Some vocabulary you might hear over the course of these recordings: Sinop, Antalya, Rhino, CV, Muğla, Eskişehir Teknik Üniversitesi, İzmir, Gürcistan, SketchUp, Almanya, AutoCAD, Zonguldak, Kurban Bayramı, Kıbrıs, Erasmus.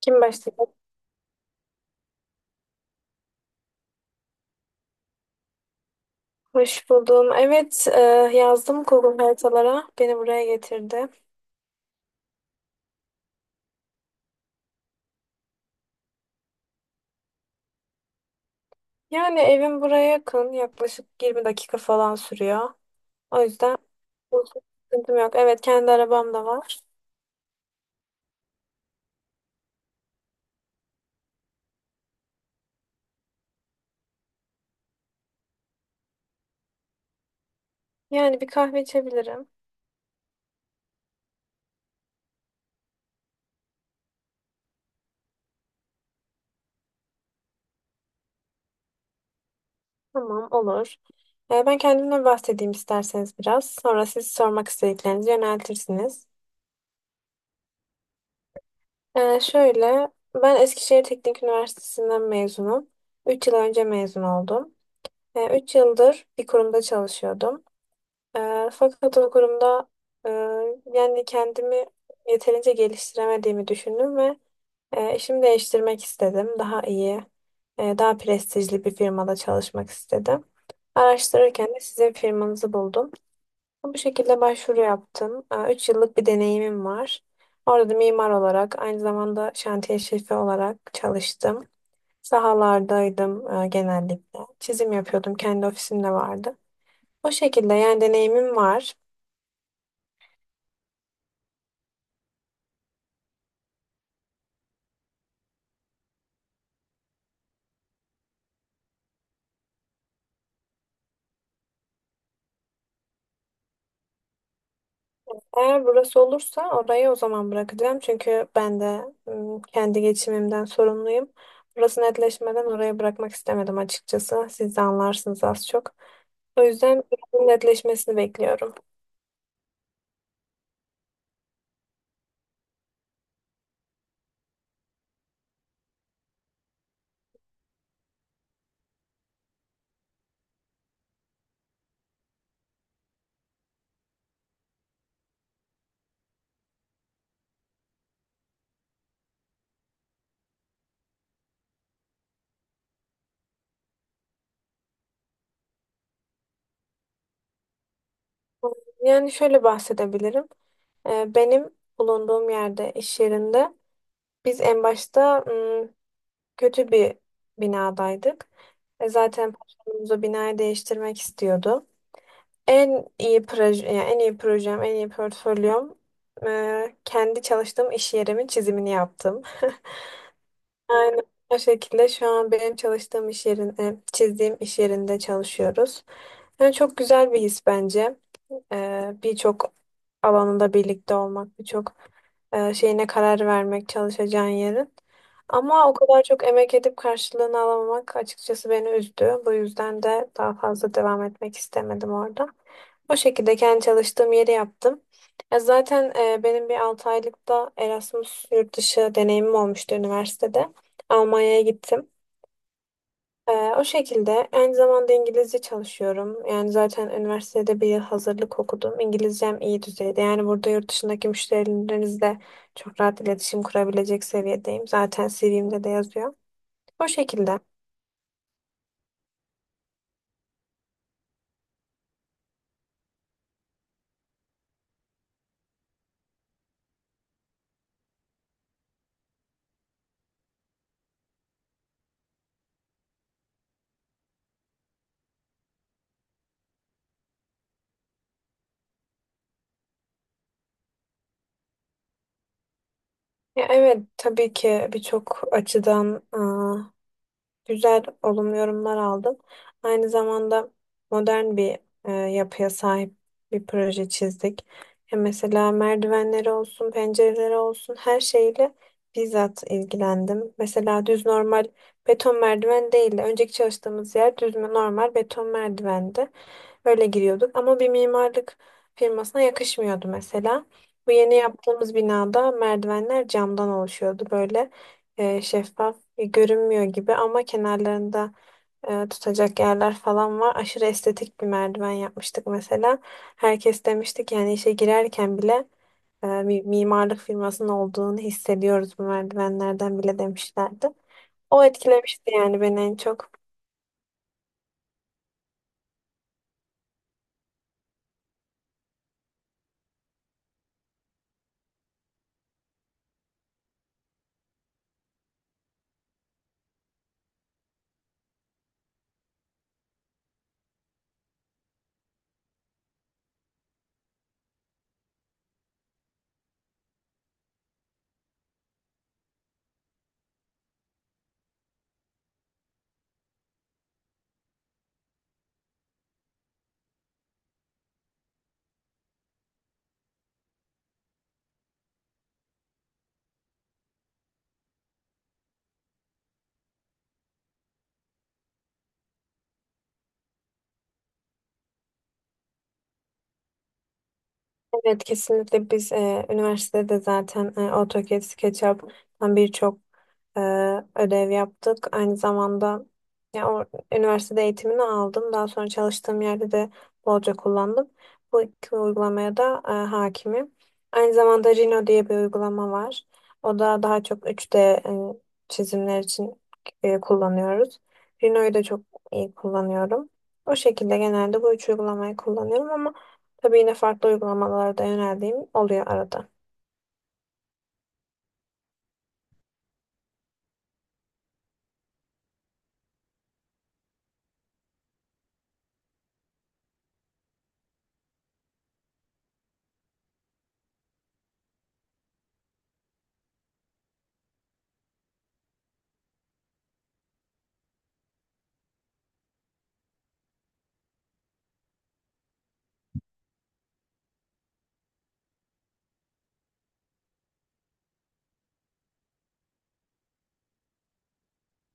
Kim başladı? Hoş buldum. Evet, yazdım Google haritalara. Beni buraya getirdi. Yani evim buraya yakın. Yaklaşık 20 dakika falan sürüyor. O yüzden bu sıkıntım yok. Evet, kendi arabam da var. Yani bir kahve içebilirim. Tamam, olur. Ben kendimden bahsedeyim isterseniz biraz. Sonra siz sormak istediklerinizi yöneltirsiniz. E, şöyle, ben Eskişehir Teknik Üniversitesi'nden mezunum. 3 yıl önce mezun oldum. Üç yıldır bir kurumda çalışıyordum. Fakat o kurumda e, yani kendimi yeterince geliştiremediğimi düşündüm ve işimi değiştirmek istedim. Daha iyi, daha prestijli bir firmada çalışmak istedim. Araştırırken de sizin firmanızı buldum. Bu şekilde başvuru yaptım. Üç yıllık bir deneyimim var. Orada da mimar olarak, aynı zamanda şantiye şefi olarak çalıştım. Sahalardaydım genellikle. Çizim yapıyordum, kendi ofisim de vardı. O şekilde yani deneyimim var. Eğer burası olursa orayı o zaman bırakacağım. Çünkü ben de kendi geçimimden sorumluyum. Burası netleşmeden oraya bırakmak istemedim açıkçası. Siz de anlarsınız az çok. O yüzden buranın netleşmesini bekliyorum. Yani şöyle bahsedebilirim. Benim bulunduğum yerde, iş yerinde biz en başta kötü bir binadaydık. Zaten patronumuz o binayı değiştirmek istiyordu. En iyi proje, yani en iyi projem, en iyi portfolyom kendi çalıştığım iş yerimin çizimini yaptım. Aynen o şekilde şu an benim çalıştığım iş yerinde, çizdiğim iş yerinde çalışıyoruz. Yani çok güzel bir his bence. Birçok alanında birlikte olmak, birçok şeyine karar vermek çalışacağın yerin. Ama o kadar çok emek edip karşılığını alamamak açıkçası beni üzdü. Bu yüzden de daha fazla devam etmek istemedim orada. O şekilde kendi çalıştığım yeri yaptım. Ya zaten benim bir 6 aylık da Erasmus yurt dışı deneyimim olmuştu üniversitede. Almanya'ya gittim. O şekilde aynı zamanda İngilizce çalışıyorum. Yani zaten üniversitede bir yıl hazırlık okudum. İngilizcem iyi düzeyde. Yani burada yurt dışındaki müşterilerinizle çok rahat iletişim kurabilecek seviyedeyim. Zaten CV'mde de yazıyor. O şekilde. Ya evet, tabii ki birçok açıdan güzel olumlu yorumlar aldım. Aynı zamanda modern bir yapıya sahip bir proje çizdik. Ya mesela merdivenleri olsun, pencereleri olsun her şeyle bizzat ilgilendim. Mesela düz normal beton merdiven değil de önceki çalıştığımız yer düz normal beton merdivendi. Öyle giriyorduk ama bir mimarlık firmasına yakışmıyordu mesela. Bu yeni yaptığımız binada merdivenler camdan oluşuyordu böyle şeffaf. Görünmüyor gibi ama kenarlarında tutacak yerler falan var. Aşırı estetik bir merdiven yapmıştık mesela. Herkes demişti ki yani işe girerken bile mimarlık firmasının olduğunu hissediyoruz bu merdivenlerden bile demişlerdi. O etkilemişti yani beni en çok. Evet, kesinlikle biz üniversitede zaten AutoCAD, SketchUp'tan birçok e, ödev yaptık. Aynı zamanda ya, o, üniversitede eğitimini aldım. Daha sonra çalıştığım yerde de bolca kullandım. Bu iki uygulamaya da hakimim. Aynı zamanda Rhino diye bir uygulama var. O da daha çok 3D çizimler için kullanıyoruz. Rhino'yu da çok iyi kullanıyorum. O şekilde genelde bu üç uygulamayı kullanıyorum ama tabii yine farklı uygulamalara da yöneldiğim oluyor arada.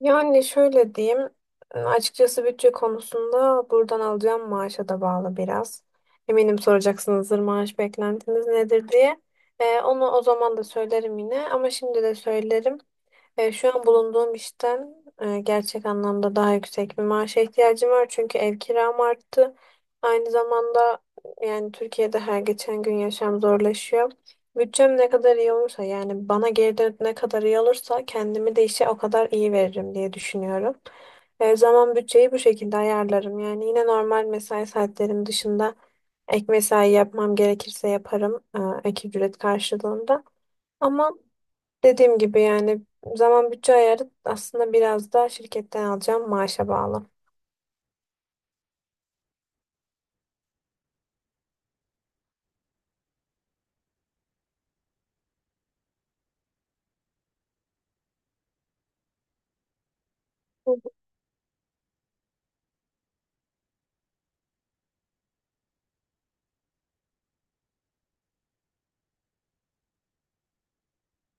Yani şöyle diyeyim, açıkçası bütçe konusunda buradan alacağım maaşa da bağlı biraz. Eminim soracaksınızdır maaş beklentiniz nedir diye. Onu o zaman da söylerim yine ama şimdi de söylerim. Şu an bulunduğum işten gerçek anlamda daha yüksek bir maaşa ihtiyacım var. Çünkü ev kiram arttı. Aynı zamanda yani Türkiye'de her geçen gün yaşam zorlaşıyor. Bütçem ne kadar iyi olursa yani bana geri dönüp ne kadar iyi olursa kendimi de işe o kadar iyi veririm diye düşünüyorum. Zaman bütçeyi bu şekilde ayarlarım. Yani yine normal mesai saatlerim dışında ek mesai yapmam gerekirse yaparım ek ücret karşılığında. Ama dediğim gibi yani zaman bütçe ayarı aslında biraz da şirketten alacağım maaşa bağlı. Hı.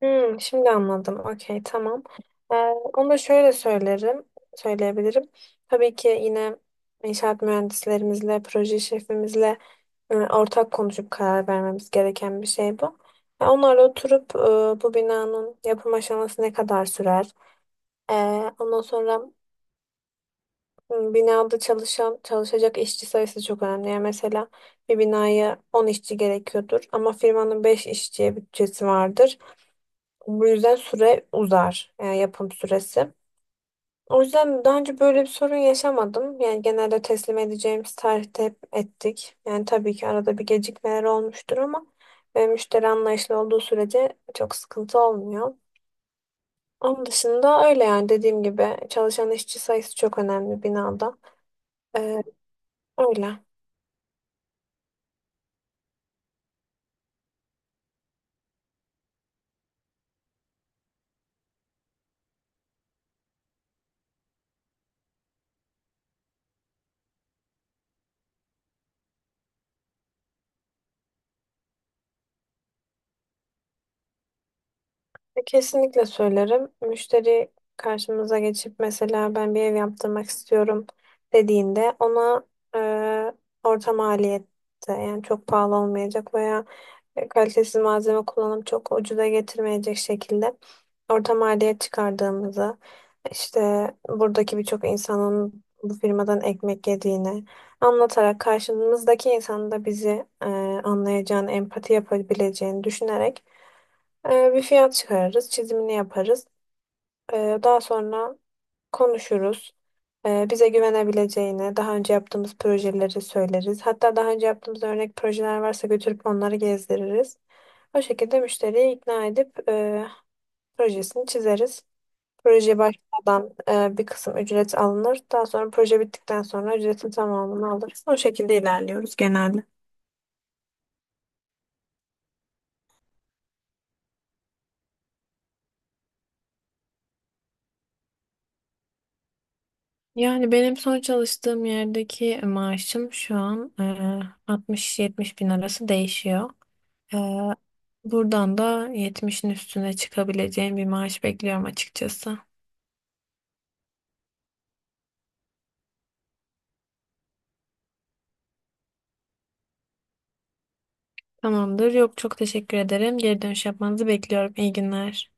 Hmm, şimdi anladım. Okey, tamam. Ee, onu da şöyle söylerim, söyleyebilirim. Tabii ki yine inşaat mühendislerimizle, proje şefimizle ortak konuşup karar vermemiz gereken bir şey bu. Ya onlarla oturup bu binanın yapım aşaması ne kadar sürer? E, ondan sonra binada çalışan, çalışacak işçi sayısı çok önemli. Yani mesela bir binaya 10 işçi gerekiyordur ama firmanın 5 işçiye bütçesi vardır. Bu yüzden süre uzar, yani yapım süresi. O yüzden daha önce böyle bir sorun yaşamadım. Yani genelde teslim edeceğimiz tarihte hep ettik. Yani tabii ki arada bir gecikmeler olmuştur ama müşteri anlayışlı olduğu sürece çok sıkıntı olmuyor. Onun dışında öyle yani dediğim gibi çalışan işçi sayısı çok önemli binada. Ee, öyle. Kesinlikle söylerim. Müşteri karşımıza geçip mesela ben bir ev yaptırmak istiyorum dediğinde ona e, orta maliyette yani çok pahalı olmayacak veya kalitesiz malzeme kullanıp çok ucuza getirmeyecek şekilde orta maliyet çıkardığımızı işte buradaki birçok insanın bu firmadan ekmek yediğini anlatarak karşımızdaki insanın da bizi anlayacağını, empati yapabileceğini düşünerek bir fiyat çıkarırız, çizimini yaparız. Daha sonra konuşuruz. Bize güvenebileceğini, daha önce yaptığımız projeleri söyleriz. Hatta daha önce yaptığımız örnek projeler varsa götürüp onları gezdiririz. O şekilde müşteriyi ikna edip projesini çizeriz. Proje başlamadan bir kısım ücret alınır. Daha sonra proje bittikten sonra ücretin tamamını alırız. O şekilde ilerliyoruz genelde. Yani benim son çalıştığım yerdeki maaşım şu an 60-70 bin arası değişiyor. Eee, buradan da 70'in üstüne çıkabileceğim bir maaş bekliyorum açıkçası. Tamamdır. Yok, çok teşekkür ederim. Geri dönüş yapmanızı bekliyorum. İyi günler.